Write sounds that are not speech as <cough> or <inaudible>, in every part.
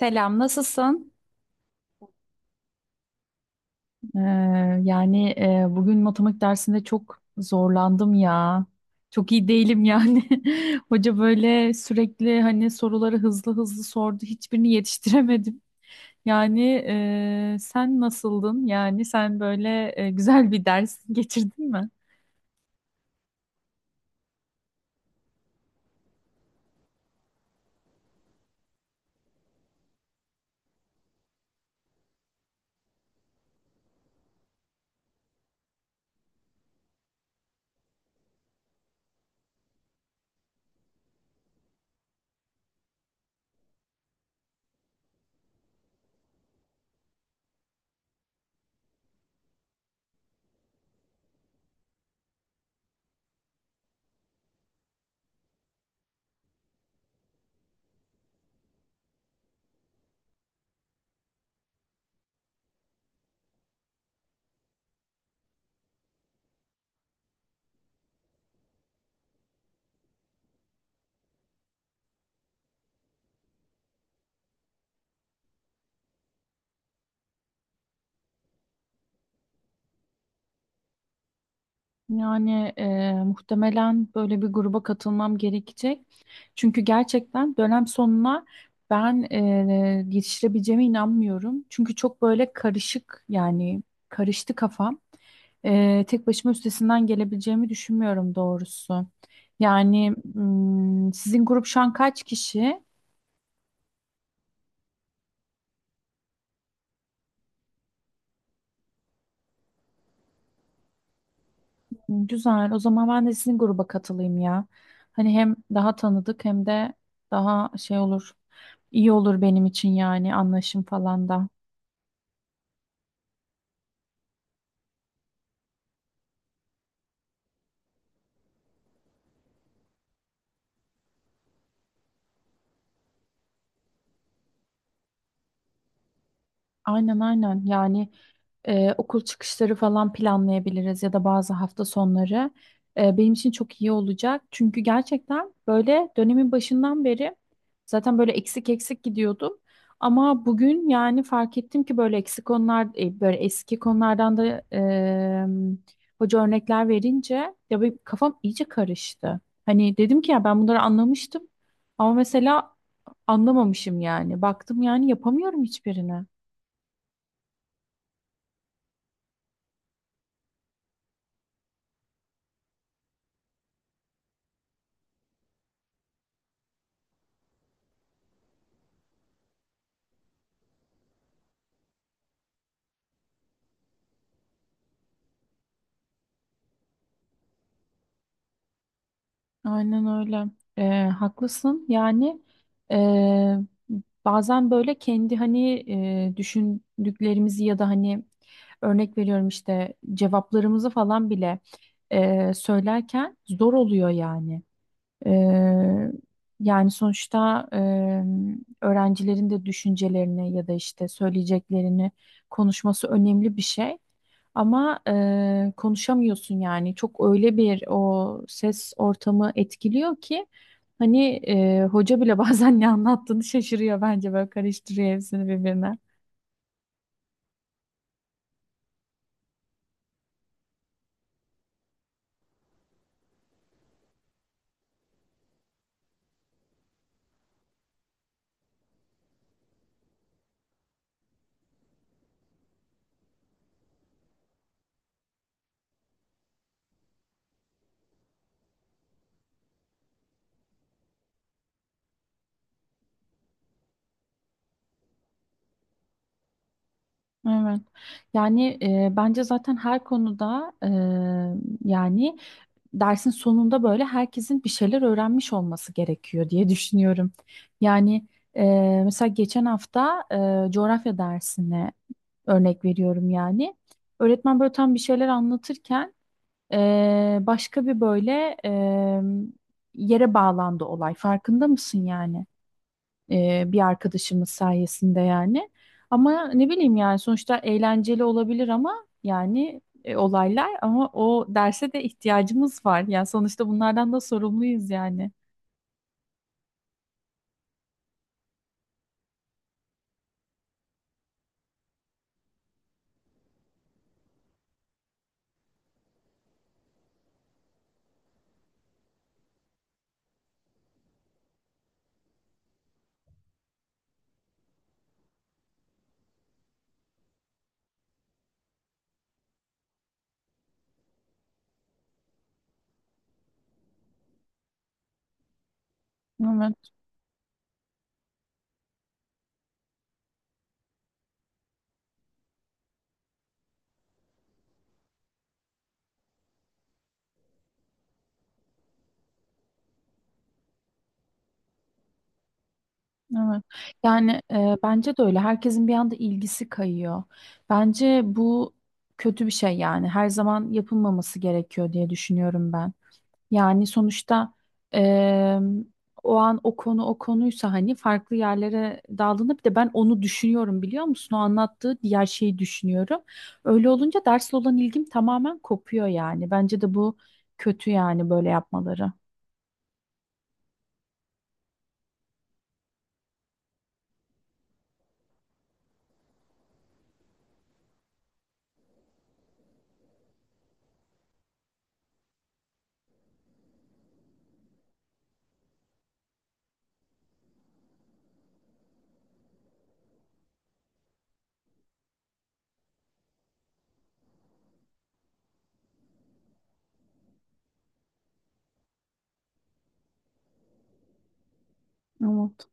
Selam, nasılsın? Ee, bugün matematik dersinde çok zorlandım ya. Çok iyi değilim yani. <laughs> Hoca böyle sürekli hani soruları hızlı hızlı sordu. Hiçbirini yetiştiremedim. Yani sen nasıldın? Yani sen böyle güzel bir ders <laughs> geçirdin mi? Yani muhtemelen böyle bir gruba katılmam gerekecek. Çünkü gerçekten dönem sonuna ben yetiştirebileceğime inanmıyorum. Çünkü çok böyle karışık yani karıştı kafam. Tek başıma üstesinden gelebileceğimi düşünmüyorum doğrusu. Yani sizin grup şu an kaç kişi? Güzel. O zaman ben de sizin gruba katılayım ya. Hani hem daha tanıdık hem de daha şey olur. İyi olur benim için yani anlaşım falan da. Aynen aynen. Yani okul çıkışları falan planlayabiliriz ya da bazı hafta sonları. Benim için çok iyi olacak. Çünkü gerçekten böyle dönemin başından beri zaten böyle eksik eksik gidiyordum. Ama bugün yani fark ettim ki böyle eksik konular, böyle eski konulardan da hoca örnekler verince ya benim kafam iyice karıştı. Hani dedim ki ya ben bunları anlamıştım ama mesela anlamamışım yani. Baktım yani yapamıyorum hiçbirini. Aynen öyle. Haklısın. Yani e, bazen böyle kendi hani düşündüklerimizi ya da hani örnek veriyorum işte cevaplarımızı falan bile söylerken zor oluyor yani. Eee, Yani sonuçta öğrencilerin de düşüncelerini ya da işte söyleyeceklerini konuşması önemli bir şey. Ama konuşamıyorsun yani çok öyle bir o ses ortamı etkiliyor ki hani hoca bile <laughs> bazen ne anlattığını şaşırıyor bence böyle karıştırıyor hepsini birbirine. Evet. Yani bence zaten her konuda yani dersin sonunda böyle herkesin bir şeyler öğrenmiş olması gerekiyor diye düşünüyorum. Yani e, mesela geçen hafta coğrafya dersine örnek veriyorum yani. Öğretmen böyle tam bir şeyler anlatırken başka bir böyle yere bağlandı olay. Farkında mısın yani? Bir arkadaşımız sayesinde yani. Ama ne bileyim yani sonuçta eğlenceli olabilir ama yani olaylar ama o derse de ihtiyacımız var. Yani sonuçta bunlardan da sorumluyuz yani. Evet, evet. Yani bence de öyle. Herkesin bir anda ilgisi kayıyor. Bence bu kötü bir şey yani. Her zaman yapılmaması gerekiyor diye düşünüyorum ben. Yani sonuçta eee, o an o konu o konuysa hani farklı yerlere daldığında bir de ben onu düşünüyorum biliyor musun? O anlattığı diğer şeyi düşünüyorum. Öyle olunca dersle olan ilgim tamamen kopuyor yani. Bence de bu kötü yani böyle yapmaları. Evet.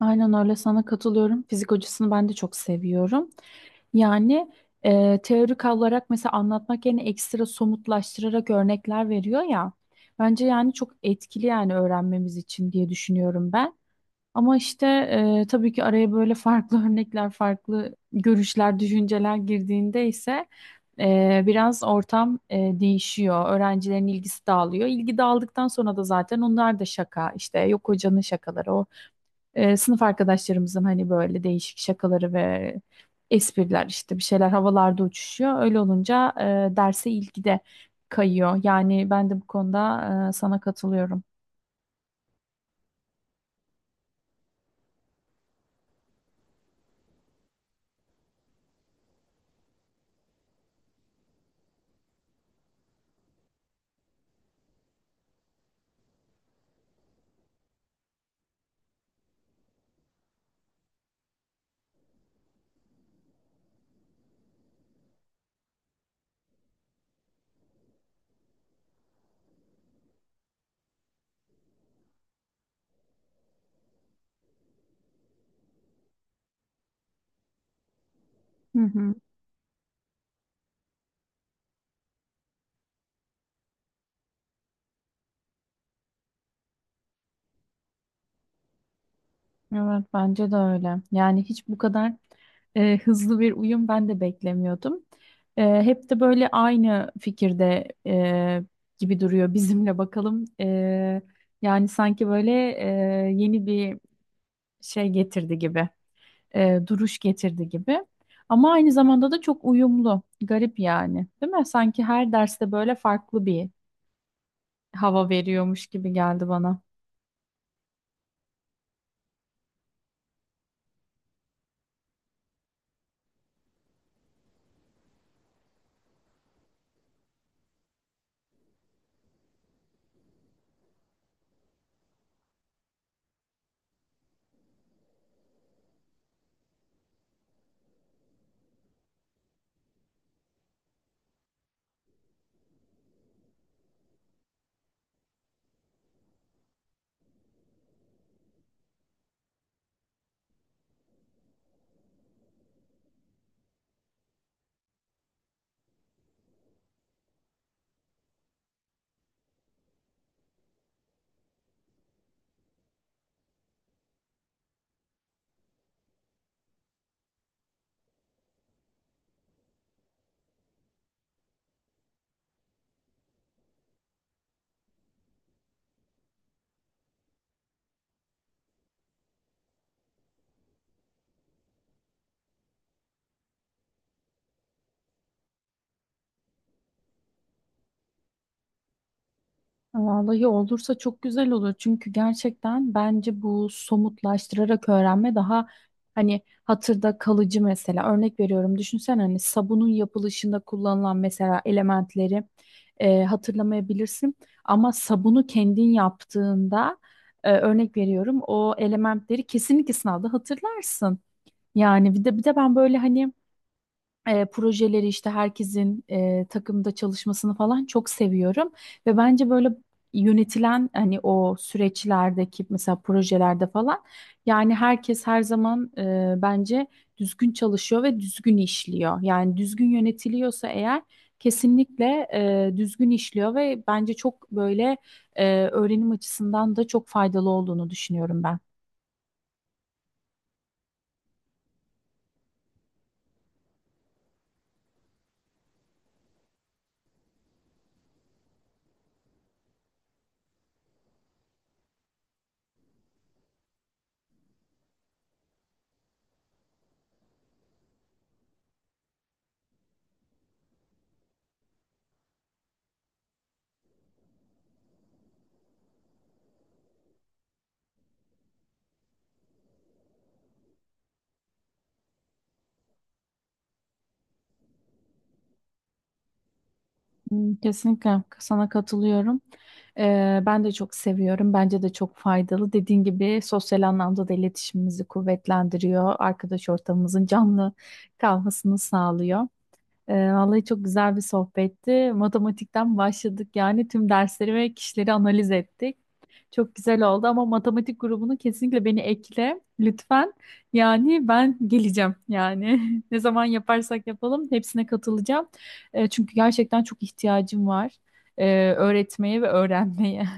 Aynen öyle sana katılıyorum. Fizik hocasını ben de çok seviyorum. Yani teorik olarak mesela anlatmak yerine ekstra somutlaştırarak örnekler veriyor ya. Bence yani çok etkili yani öğrenmemiz için diye düşünüyorum ben. Ama işte tabii ki araya böyle farklı <laughs> örnekler, farklı görüşler, düşünceler girdiğinde ise biraz ortam değişiyor. Öğrencilerin ilgisi dağılıyor. İlgi dağıldıktan sonra da zaten onlar da şaka işte yok hocanın şakaları, sınıf arkadaşlarımızın hani böyle değişik şakaları ve espriler işte bir şeyler havalarda uçuşuyor. Öyle olunca derse ilgi de kayıyor. Yani ben de bu konuda sana katılıyorum. Hı hı. Evet bence de öyle. Yani hiç bu kadar hızlı bir uyum ben de beklemiyordum. Hep de böyle aynı fikirde gibi duruyor <laughs> bizimle bakalım. Yani sanki böyle yeni bir şey getirdi gibi. Duruş getirdi gibi. Ama aynı zamanda da çok uyumlu. Garip yani, değil mi? Sanki her derste böyle farklı bir hava veriyormuş gibi geldi bana. Vallahi olursa çok güzel olur. Çünkü gerçekten bence bu somutlaştırarak öğrenme daha hani hatırda kalıcı mesela. Örnek veriyorum düşünsen hani sabunun yapılışında kullanılan mesela elementleri hatırlamayabilirsin. Ama sabunu kendin yaptığında örnek veriyorum o elementleri kesinlikle sınavda hatırlarsın. Yani bir de ben böyle hani projeleri işte herkesin takımda çalışmasını falan çok seviyorum ve bence böyle yönetilen hani o süreçlerdeki mesela projelerde falan yani herkes her zaman bence düzgün çalışıyor ve düzgün işliyor. Yani düzgün yönetiliyorsa eğer kesinlikle düzgün işliyor ve bence çok böyle öğrenim açısından da çok faydalı olduğunu düşünüyorum ben. Hmm, kesinlikle sana katılıyorum. Ben de çok seviyorum. Bence de çok faydalı. Dediğin gibi sosyal anlamda da iletişimimizi kuvvetlendiriyor. Arkadaş ortamımızın canlı kalmasını sağlıyor. Vallahi çok güzel bir sohbetti. Matematikten başladık yani tüm dersleri ve kişileri analiz ettik. Çok güzel oldu ama matematik grubunu kesinlikle beni ekle lütfen. Yani ben geleceğim yani <laughs> ne zaman yaparsak yapalım hepsine katılacağım. Çünkü gerçekten çok ihtiyacım var öğretmeye ve öğrenmeye.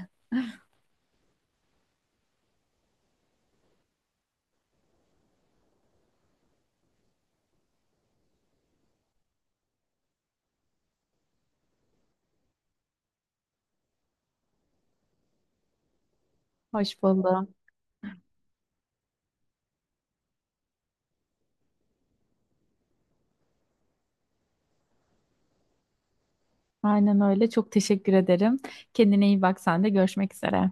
<laughs> Hoş buldum. Aynen öyle. Çok teşekkür ederim. Kendine iyi bak sen de görüşmek üzere.